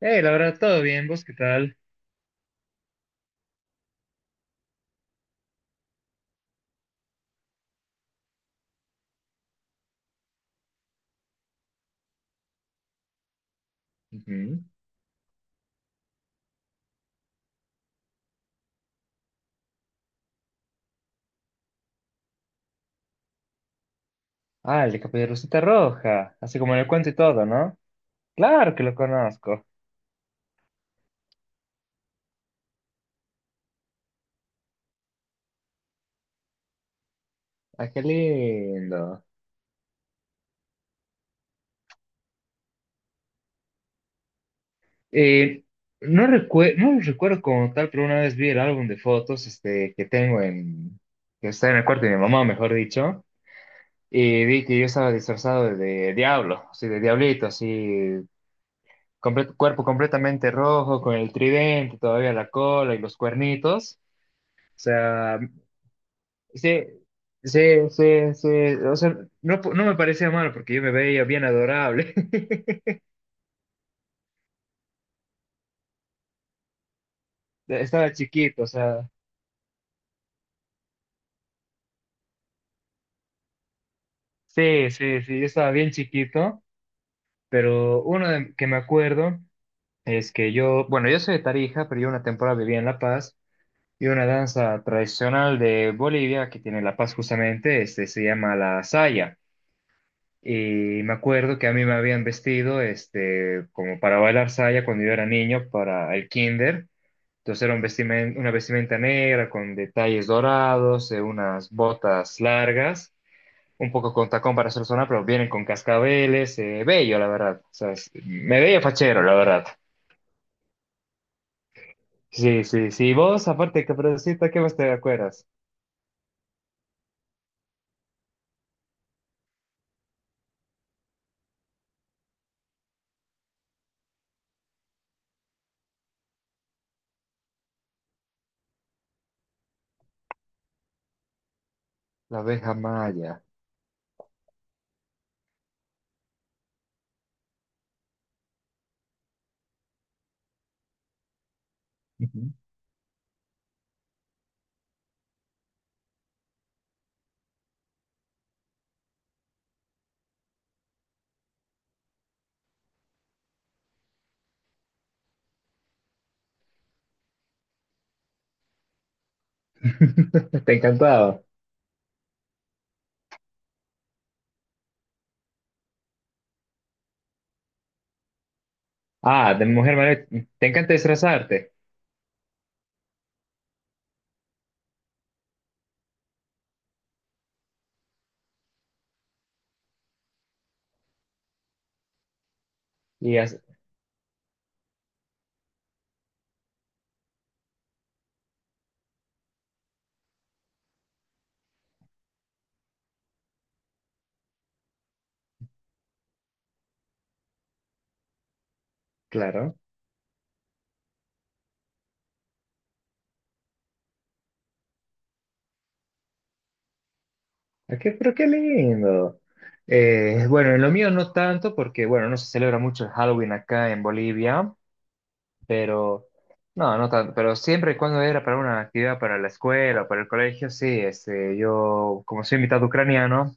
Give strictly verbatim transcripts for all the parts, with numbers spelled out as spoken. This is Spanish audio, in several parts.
Hey, la verdad, todo bien, ¿vos qué tal? Ujú. Ah, el de Caperucita Roja, así como en el cuento y todo, ¿no? Claro que lo conozco. Ah, qué lindo. Eh, no recue- no lo recuerdo como tal, pero una vez vi el álbum de fotos este, que tengo en, que está en el cuarto de mi mamá, mejor dicho, y vi que yo estaba disfrazado de, diablo, así de diablito, así, comple- cuerpo completamente rojo, con el tridente, todavía la cola y los cuernitos. O sea, sí, sí, sí, sí. O sea, no, no me parecía malo porque yo me veía bien adorable. Estaba chiquito, o sea, sí, sí, sí, yo estaba bien chiquito, pero uno de- que me acuerdo es que yo, bueno, yo soy de Tarija, pero yo una temporada vivía en La Paz y una danza tradicional de Bolivia que tiene La Paz justamente, este, se llama la saya. Y me acuerdo que a mí me habían vestido, este, como para bailar saya cuando yo era niño, para el kinder. Entonces era un vestimen- una vestimenta negra con detalles dorados, eh, unas botas largas, un poco con tacón para hacer sonar, pero vienen con cascabeles, eh, bello, la verdad. O sea, es- me veía fachero, la verdad. Sí, sí, sí. Vos, aparte, Caperucita, ¿qué más te acuerdas? La abeja maya. Ujú. Te encantaba. Ah, de Mujer Maravilla. Te encanta disfrazarte. Y as- claro. ¿A qué? Pero qué lindo. Eh, bueno, en lo mío no tanto, porque, bueno, no se celebra mucho el Halloween acá en Bolivia. Pero, no, no tanto, pero siempre y cuando era para una actividad para la escuela o para el colegio, sí, este, yo, como soy mitad ucraniano,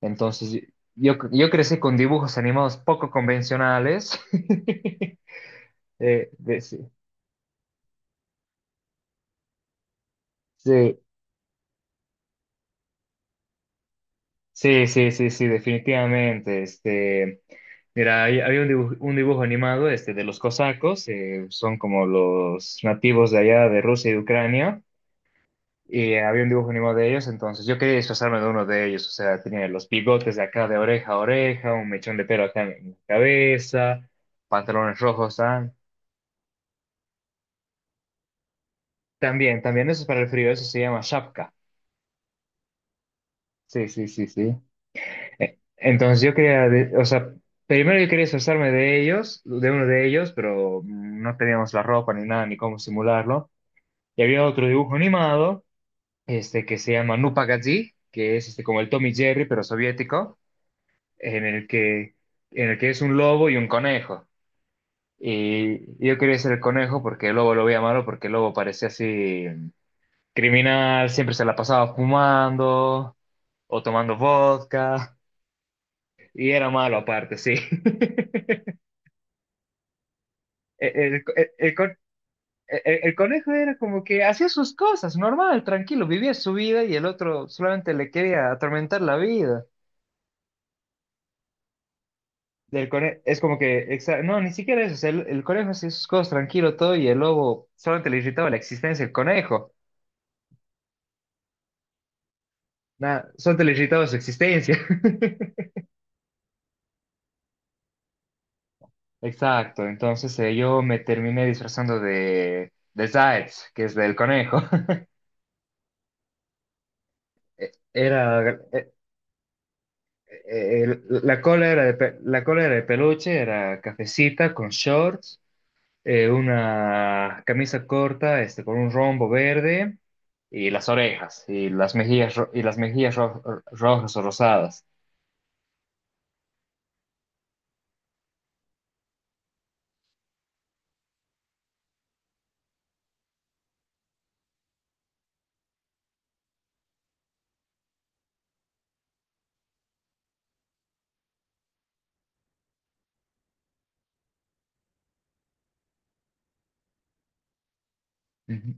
entonces yo, yo crecí con dibujos animados poco convencionales. Eh, de- sí, sí, sí, sí, sí, sí, definitivamente, este, mira, hay- había un dibujo, un dibujo animado, este, de los cosacos, eh, son como los nativos de allá de Rusia y de Ucrania. Y había un dibujo animado de ellos, entonces yo quería disfrazarme de uno de ellos. O sea, tenía los bigotes de acá de oreja a oreja, un mechón de pelo acá en la cabeza, pantalones rojos. Ah. También, también eso es para el frío, eso se llama shapka. Sí, sí, sí, sí. Eh, entonces yo quería, de- o sea, primero yo quería disfrazarme de ellos, de uno de ellos, pero no teníamos la ropa ni nada, ni cómo simularlo. Y había otro dibujo animado, este, que se llama Nupagazí, que es este, como el Tom y Jerry, pero soviético. en el que, en el que es un lobo y un conejo. Y yo quería ser el conejo porque el lobo lo veía malo, porque el lobo parecía así criminal, siempre se la pasaba fumando o tomando vodka, y era malo aparte, sí. El, el- el con- el- el conejo era como que hacía sus cosas, normal, tranquilo, vivía su vida y el otro solamente le quería atormentar la vida. Del conejo, es como que, exa- no, ni siquiera eso, o sea, el, el conejo hacía sus cosas tranquilo todo y el lobo solamente le irritaba la existencia del conejo, nada, solamente le irritaba su existencia. Exacto, entonces eh, yo me terminé disfrazando de, de Zaitz, que es del conejo. Era, eh, eh, eh, el- la cola era de, pe- la cola era de peluche, era cafecita con shorts. Eh, una camisa corta, este, con un rombo verde y las orejas y las mejillas ro- y las mejillas ro- rojas o rosadas. Ujú.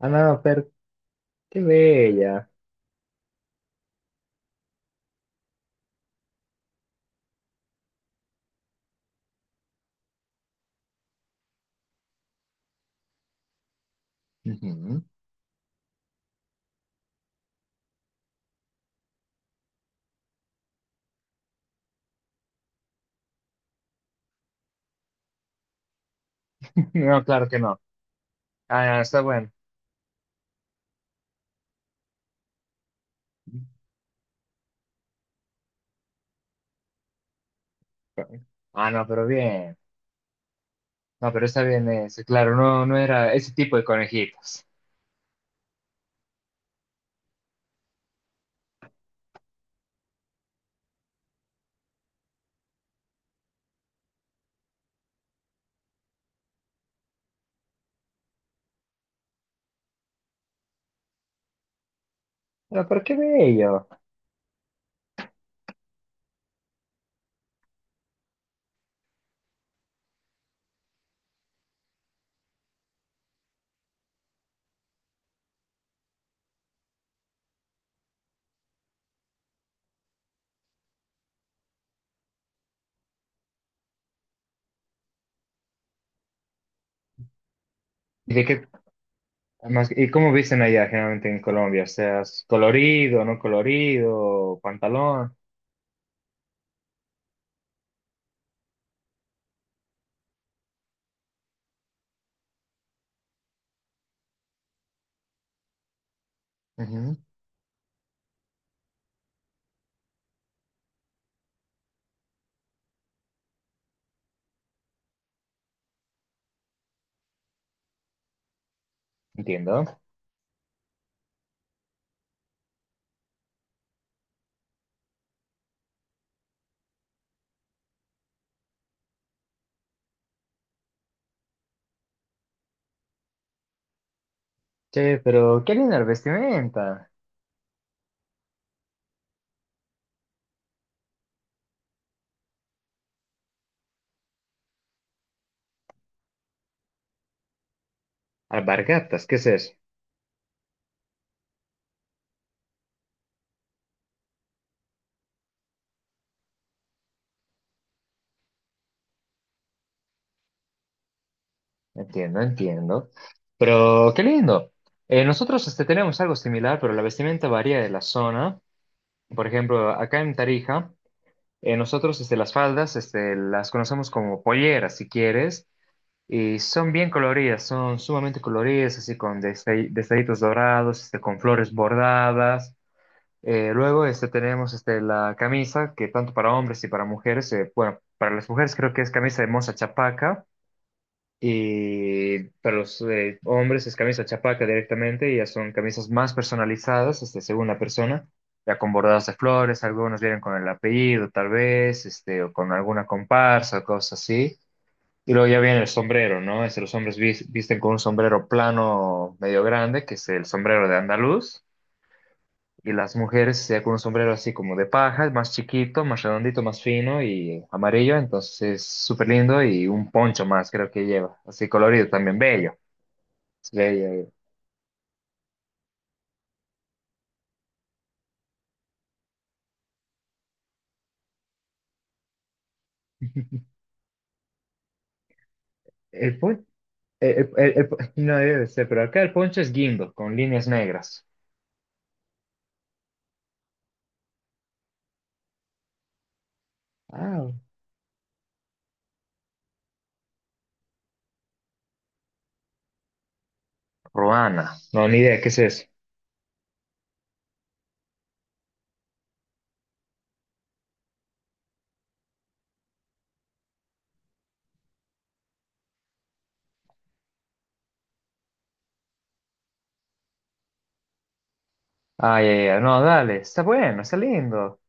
Ah, no, pero qué bella. Ujú. No, claro que no. Ah, no, está bueno. Ah, no, pero bien. No, pero está bien ese, claro, no, no era ese tipo de conejitos. No, pero qué bello. ¿Y de qué más, y cómo visten allá generalmente en Colombia? O sea, ¿es colorido, no colorido, pantalón? Entiendo. Che, pero qué linda la vestimenta. Alpargatas, ¿qué es eso? Entiendo, entiendo. Pero qué lindo. Eh, nosotros este, tenemos algo similar, pero la vestimenta varía de la zona. Por ejemplo, acá en Tarija, eh, nosotros este, las faldas este, las conocemos como polleras, si quieres, y son bien coloridas, son sumamente coloridas, así con destall- detallitos dorados, este, con flores bordadas. Eh, luego este, tenemos este, la camisa, que tanto para hombres y para mujeres, eh, bueno, para las mujeres creo que es camisa de moza chapaca y para los eh, hombres es camisa chapaca directamente, y ya son camisas más personalizadas, este, según la persona, ya con bordados de flores, algunos vienen con el apellido tal vez, este, o con alguna comparsa, cosas así. Y luego ya viene el sombrero, ¿no? Este, los hombres vis- visten con un sombrero plano medio grande, que es el sombrero de andaluz. Y las mujeres ya con un sombrero así como de paja, más chiquito, más redondito, más fino y amarillo, entonces es súper lindo y un poncho más creo que lleva, así colorido también, bello. Es bello. El pon el el el- no debe ser, pero acá el poncho es guindo, con líneas negras. Ah, Ruana, no, ni idea, ¿qué es eso? Ay, ay, ay, no, dale, está bueno, está lindo.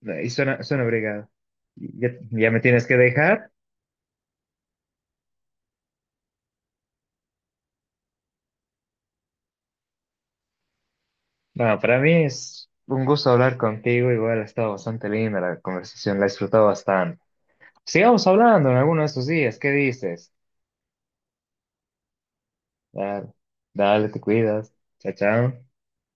No, y suena, suena brigado. Ya, ya me tienes que dejar. Bueno, para mí es un gusto hablar contigo. Igual ha estado bastante linda la conversación, la he disfrutado bastante. Sigamos hablando en alguno de estos días. ¿Qué dices? Dale, dale, te cuidas. Chao, chao.